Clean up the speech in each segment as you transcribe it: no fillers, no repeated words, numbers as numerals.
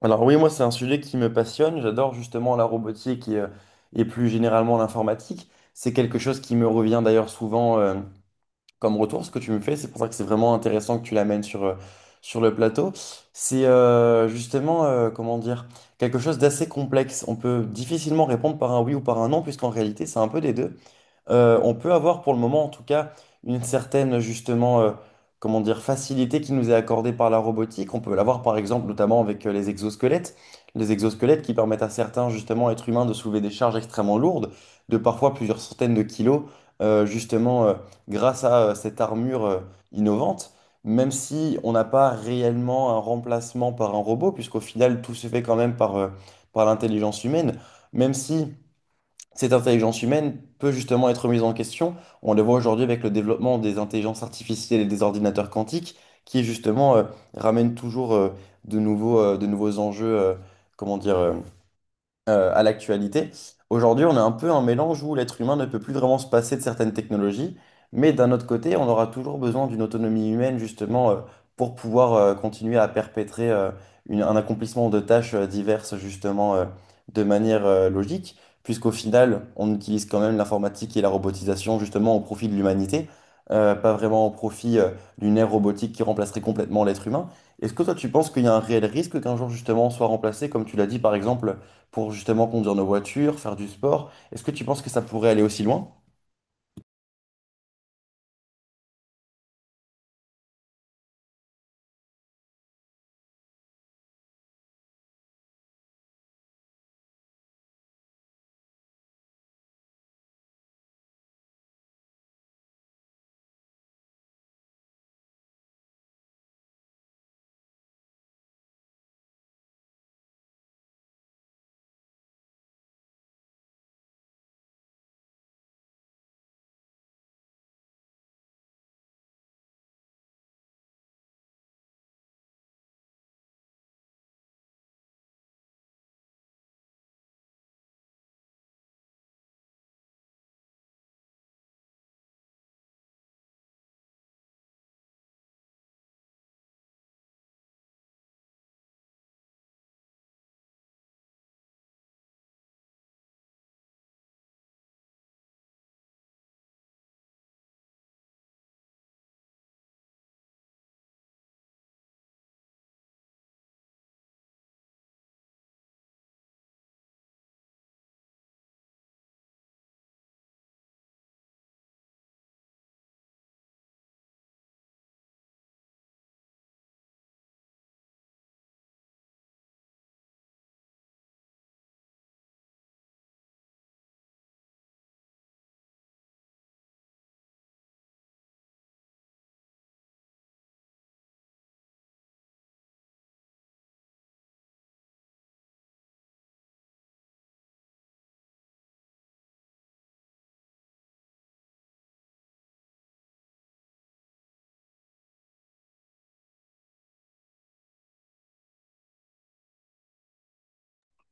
Alors oui, moi c'est un sujet qui me passionne. J'adore justement la robotique et et plus généralement l'informatique. C'est quelque chose qui me revient d'ailleurs souvent comme retour, ce que tu me fais. C'est pour ça que c'est vraiment intéressant que tu l'amènes sur sur le plateau. C'est justement, comment dire, quelque chose d'assez complexe. On peut difficilement répondre par un oui ou par un non, puisqu'en réalité c'est un peu des deux. On peut avoir pour le moment en tout cas une certaine justement comment dire facilité qui nous est accordée par la robotique. On peut l'avoir par exemple notamment avec les exosquelettes qui permettent à certains justement êtres humains de soulever des charges extrêmement lourdes, de parfois plusieurs centaines de kilos, justement, grâce à cette armure innovante. Même si on n'a pas réellement un remplacement par un robot, puisqu'au final tout se fait quand même par par l'intelligence humaine, même si cette intelligence humaine peut justement être mise en question. On le voit aujourd'hui avec le développement des intelligences artificielles et des ordinateurs quantiques qui justement ramènent toujours de nouveaux enjeux, comment dire, à l'actualité. Aujourd'hui, on a un peu un mélange où l'être humain ne peut plus vraiment se passer de certaines technologies, mais d'un autre côté, on aura toujours besoin d'une autonomie humaine justement pour pouvoir continuer à perpétrer une- un accomplissement de tâches diverses justement de manière logique, puisqu'au final, on utilise quand même l'informatique et la robotisation justement au profit de l'humanité. Pas vraiment au profit d'une ère robotique qui remplacerait complètement l'être humain. Est-ce que toi tu penses qu'il y a un réel risque qu'un jour justement on soit remplacé, comme tu l'as dit par exemple, pour justement conduire nos voitures, faire du sport. Est-ce que tu penses que ça pourrait aller aussi loin?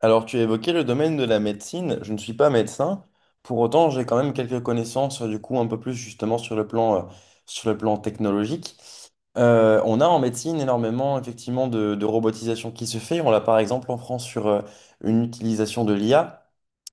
Alors, tu as évoqué le domaine de la médecine. Je ne suis pas médecin. Pour autant, j'ai quand même quelques connaissances, du coup, un peu plus justement sur le plan, sur le plan technologique. On a en médecine énormément effectivement de robotisation qui se fait. On l'a par exemple en France sur une utilisation de l'IA.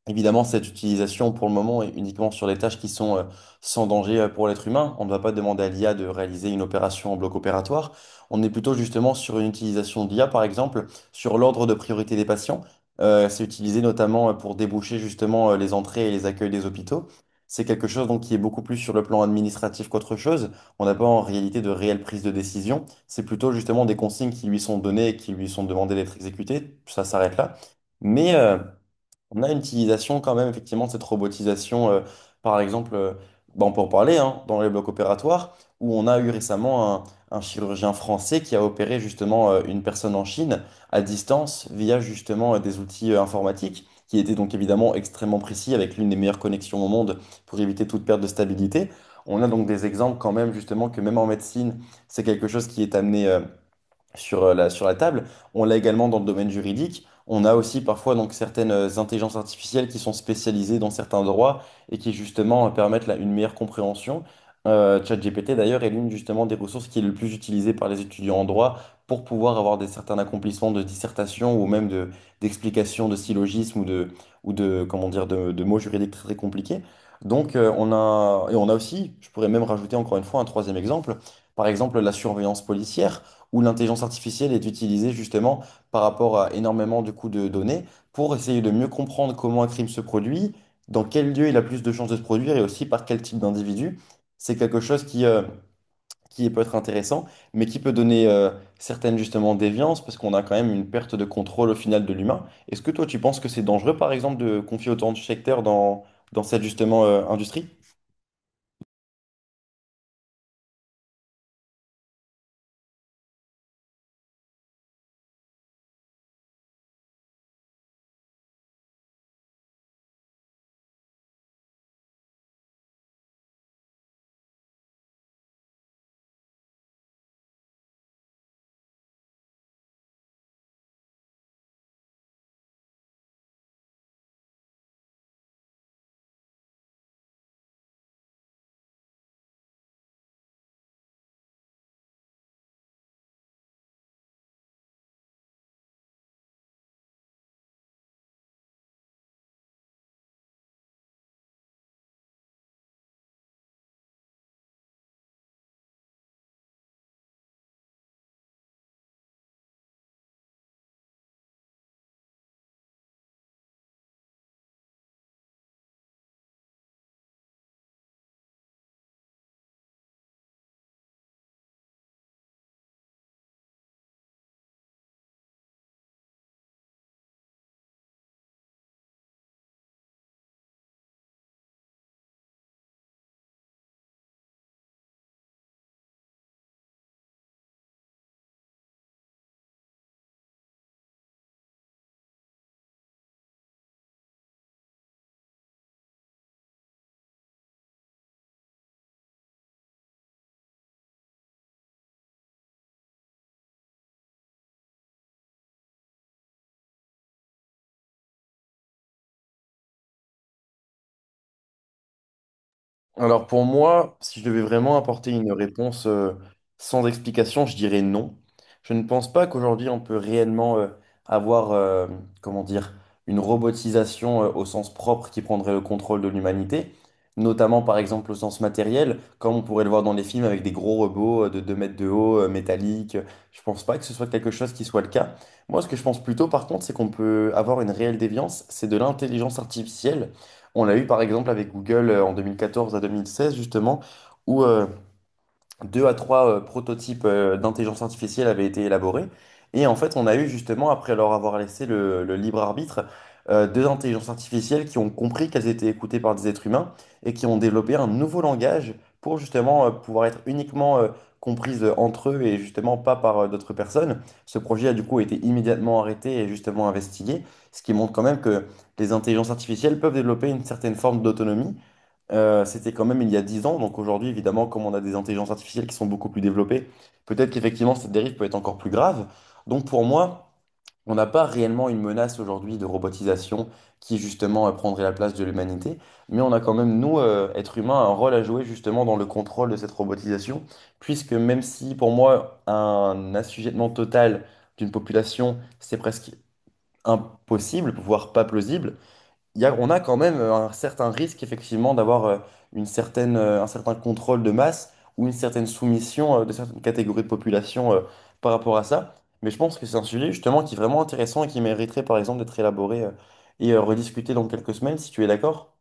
Évidemment, cette utilisation pour le moment est uniquement sur les tâches qui sont sans danger pour l'être humain. On ne va pas demander à l'IA de réaliser une opération en bloc opératoire. On est plutôt justement sur une utilisation d'IA, par exemple, sur l'ordre de priorité des patients. C'est utilisé notamment pour déboucher justement les entrées et les accueils des hôpitaux. C'est quelque chose donc qui est beaucoup plus sur le plan administratif qu'autre chose. On n'a pas en réalité de réelle prise de décision. C'est plutôt justement des consignes qui lui sont données et qui lui sont demandées d'être exécutées. Ça s'arrête là. Mais on a une utilisation quand même effectivement de cette robotisation, par exemple, bah, on peut en parler hein, dans les blocs opératoires, où on a eu récemment un chirurgien français qui a opéré justement une personne en Chine à distance via justement des outils informatiques, qui étaient donc évidemment extrêmement précis avec l'une des meilleures connexions au monde pour éviter toute perte de stabilité. On a donc des exemples quand même justement que même en médecine, c'est quelque chose qui est amené, sur sur la table. On l'a également dans le domaine juridique. On a aussi parfois donc certaines intelligences artificielles qui sont spécialisées dans certains droits et qui justement permettent là, une meilleure compréhension. ChatGPT d'ailleurs est l'une justement des ressources qui est le plus utilisée par les étudiants en droit pour pouvoir avoir des certains accomplissements de dissertation ou même de d'explications de syllogismes ou de comment dire de mots juridiques très, très compliqués. Donc on a et on a aussi, je pourrais même rajouter encore une fois un troisième exemple, par exemple la surveillance policière où l'intelligence artificielle est utilisée justement par rapport à énormément de coûts de données pour essayer de mieux comprendre comment un crime se produit, dans quel lieu il a plus de chances de se produire et aussi par quel type d'individu. C'est quelque chose qui qui peut être intéressant, mais qui peut donner certaines justement déviances parce qu'on a quand même une perte de contrôle au final de l'humain. Est-ce que toi tu penses que c'est dangereux par exemple de confier autant de secteurs dans cette justement industrie? Alors pour moi, si je devais vraiment apporter une réponse sans explication, je dirais non. Je ne pense pas qu'aujourd'hui on peut réellement avoir, comment dire, une robotisation au sens propre qui prendrait le contrôle de l'humanité, notamment par exemple au sens matériel, comme on pourrait le voir dans les films avec des gros robots de 2 mètres de haut, métalliques. Je ne pense pas que ce soit quelque chose qui soit le cas. Moi, ce que je pense plutôt par contre, c'est qu'on peut avoir une réelle déviance, c'est de l'intelligence artificielle. On l'a eu par exemple avec Google en 2014 à 2016 justement, où deux à trois prototypes d'intelligence artificielle avaient été élaborés. Et en fait, on a eu justement, après leur avoir laissé le libre arbitre, deux intelligences artificielles qui ont compris qu'elles étaient écoutées par des êtres humains et qui ont développé un nouveau langage pour justement pouvoir être uniquement comprises entre eux et justement pas par d'autres personnes. Ce projet a du coup été immédiatement arrêté et justement investigué, ce qui montre quand même que les intelligences artificielles peuvent développer une certaine forme d'autonomie. C'était quand même il y a 10 ans. Donc aujourd'hui, évidemment, comme on a des intelligences artificielles qui sont beaucoup plus développées, peut-être qu'effectivement, cette dérive peut être encore plus grave. Donc pour moi, on n'a pas réellement une menace aujourd'hui de robotisation qui justement prendrait la place de l'humanité. Mais on a quand même, nous, êtres humains, un rôle à jouer justement dans le contrôle de cette robotisation. Puisque même si pour moi, un assujettissement total d'une population, c'est presque impossible, voire pas plausible, il y a- on a quand même un certain risque, effectivement, d'avoir une certaine, un certain contrôle de masse ou une certaine soumission de certaines catégories de population par rapport à ça. Mais je pense que c'est un sujet, justement, qui est vraiment intéressant et qui mériterait, par exemple, d'être élaboré et rediscuté dans quelques semaines, si tu es d'accord.